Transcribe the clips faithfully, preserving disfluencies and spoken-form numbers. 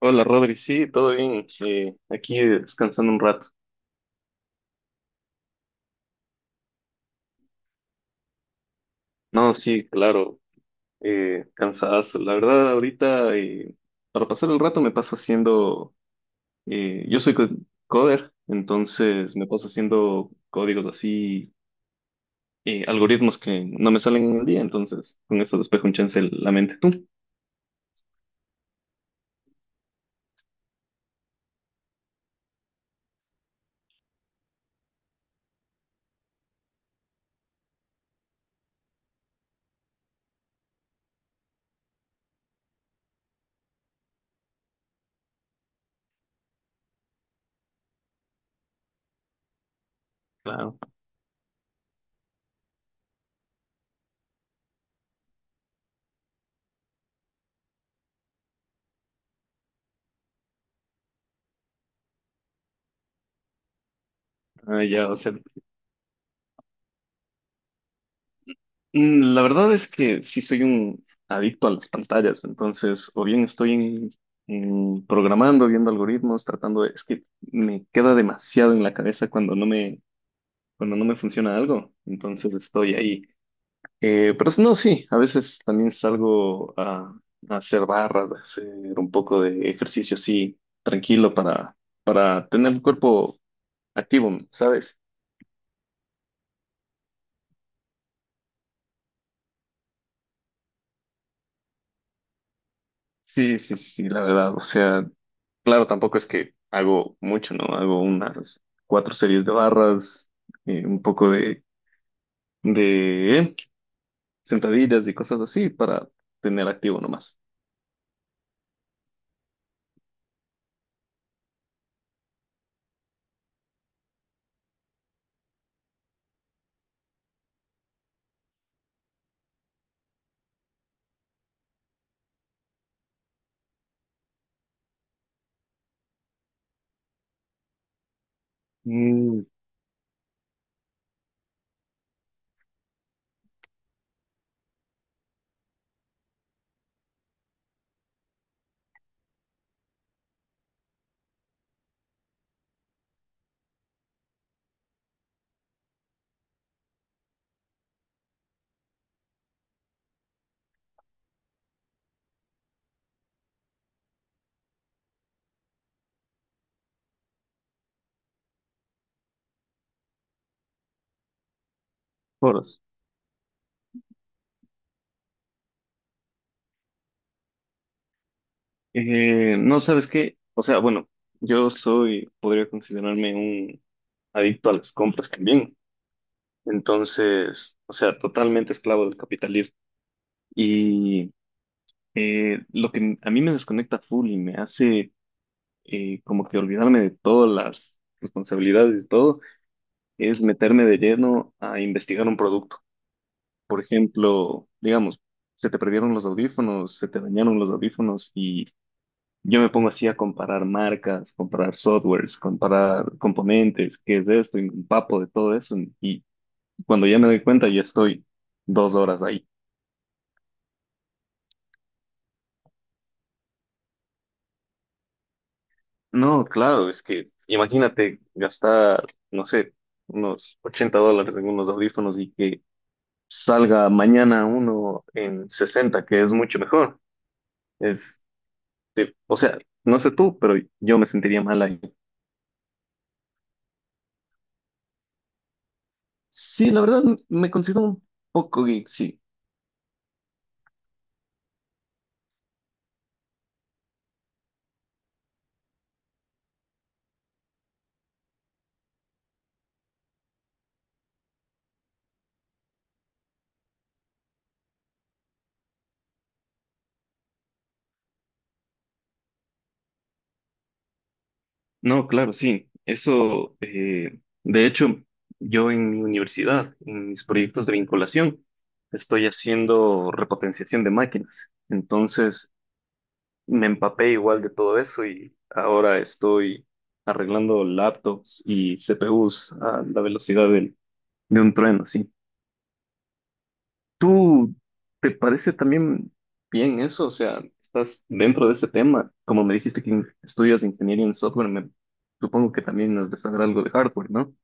Hola Rodri, sí, todo bien. Eh, aquí descansando un rato. No, sí, claro, eh, cansadazo. La verdad, ahorita, eh, para pasar el rato me paso haciendo, eh, yo soy co- coder, entonces me paso haciendo códigos así, eh, algoritmos que no me salen en el día, entonces con eso despejo un chance la mente. ¿Tú? Claro. Ah, ya, o sea, Mm, la verdad es que sí soy un adicto a las pantallas, entonces o bien estoy en- en programando, viendo algoritmos, tratando de, es que me queda demasiado en la cabeza cuando no me, cuando no me funciona algo, entonces estoy ahí. Eh, pero no, sí, a veces también salgo a, a hacer barras, a hacer un poco de ejercicio así, tranquilo para, para tener el cuerpo activo, ¿sabes? Sí, sí, sí, la verdad, o sea. Claro, tampoco es que hago mucho, ¿no? Hago unas cuatro series de barras, eh, un poco de, de sentadillas y cosas así para tener activo nomás. Mm, Foros. Eh, no sabes qué, o sea, bueno, yo soy, podría considerarme un adicto a las compras también. Entonces, o sea, totalmente esclavo del capitalismo. Y eh, lo que a mí me desconecta full y me hace eh, como que olvidarme de todas las responsabilidades y todo, es meterme de lleno a investigar un producto. Por ejemplo, digamos, se te perdieron los audífonos, se te dañaron los audífonos y yo me pongo así a comparar marcas, comparar softwares, comparar componentes, qué es esto, y me empapo de todo eso y cuando ya me doy cuenta ya estoy dos horas ahí. No, claro, es que imagínate gastar, no sé, unos ochenta dólares en unos audífonos y que salga mañana uno en sesenta que es mucho mejor. Es, eh, o sea, no sé tú, pero yo me sentiría mal ahí. Sí, la verdad me considero un poco geek, sí. No, claro, sí. Eso, eh, de hecho, yo en mi universidad, en mis proyectos de vinculación, estoy haciendo repotenciación de máquinas. Entonces, me empapé igual de todo eso y ahora estoy arreglando laptops y C P Us a la velocidad del, de un trueno, sí. ¿Tú te parece también bien eso? O sea, estás dentro de ese tema. Como me dijiste que in- estudias ingeniería en software, me supongo que también has de saber algo de hardware, ¿no?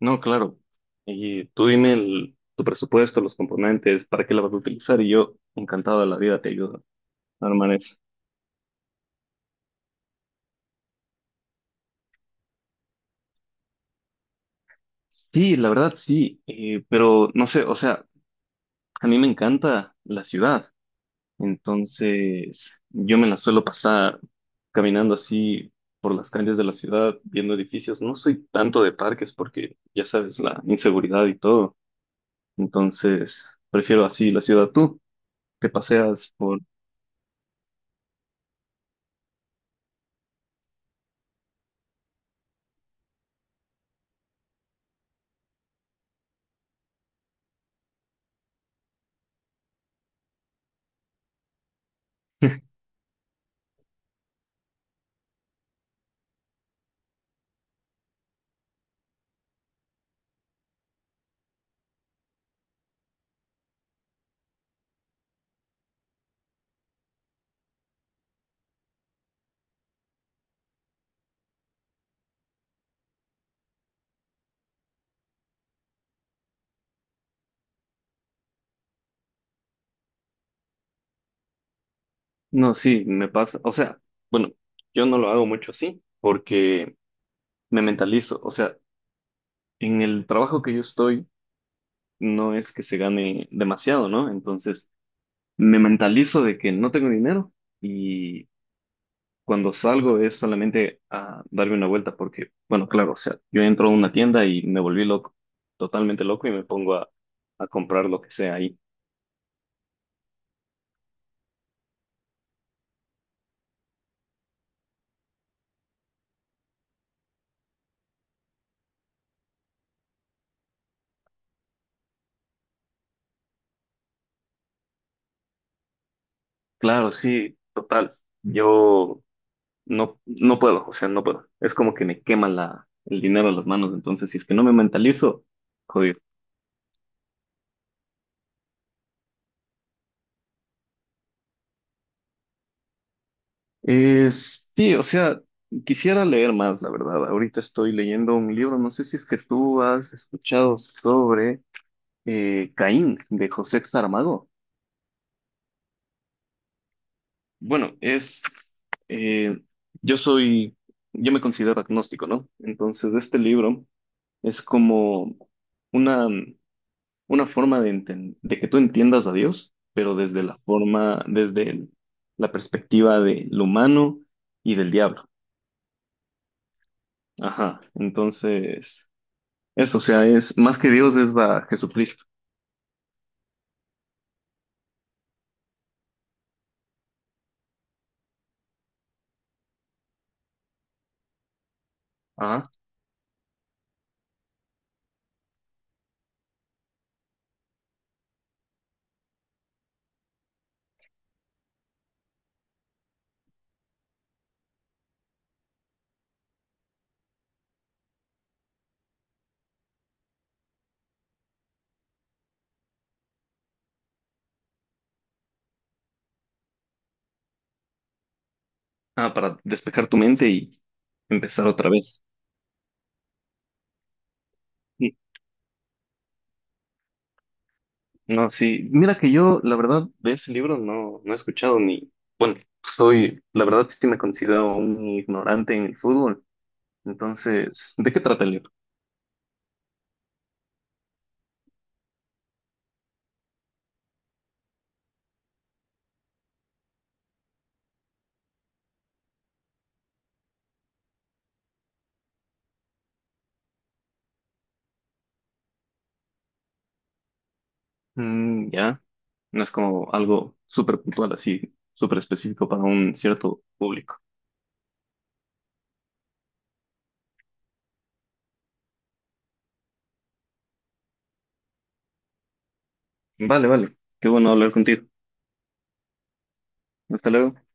No, claro. Y tú dime el- tu presupuesto, los componentes, para qué la vas a utilizar y yo encantado de la vida te ayudo a armar eso. Sí, la verdad sí, eh, pero no sé, o sea, a mí me encanta la ciudad. Entonces, yo me la suelo pasar caminando así por las calles de la ciudad, viendo edificios. No soy tanto de parques porque, ya sabes, la inseguridad y todo. Entonces, prefiero así la ciudad. Tú te paseas por. No, sí, me pasa. O sea, bueno, yo no lo hago mucho así porque me mentalizo. O sea, en el trabajo que yo estoy no es que se gane demasiado, ¿no? Entonces, me mentalizo de que no tengo dinero. Cuando salgo es solamente a darme una vuelta porque, bueno, claro, o sea, yo entro a una tienda y me volví loco, totalmente loco y me pongo a, a comprar lo que sea ahí. Claro, sí, total. Yo no, no puedo, o sea, no puedo. Es como que me quema la, el dinero en las manos, entonces si es que no me mentalizo, jodido. Es, sí, o sea, quisiera leer más, la verdad. Ahorita estoy leyendo un libro, no sé si es que tú has escuchado sobre eh, Caín de José Saramago. Bueno, es, eh, yo soy, yo me considero agnóstico, ¿no? Entonces, este libro es como una, una forma de, enten- de que tú entiendas a Dios, pero desde la forma, desde el- la perspectiva del humano y del diablo. Ajá, entonces, eso, o sea, es más que Dios, es la Jesucristo. Ajá, ah, para despejar tu mente y empezar otra vez. No, sí. Mira que yo, la verdad, de ese libro no, no he escuchado ni. Bueno, soy, la verdad, sí me considero un ignorante en el fútbol. Entonces, ¿de qué trata el libro? Mm, ya. No es como algo súper puntual, así, súper específico para un cierto público. Vale, vale. Qué bueno hablar contigo. Hasta luego.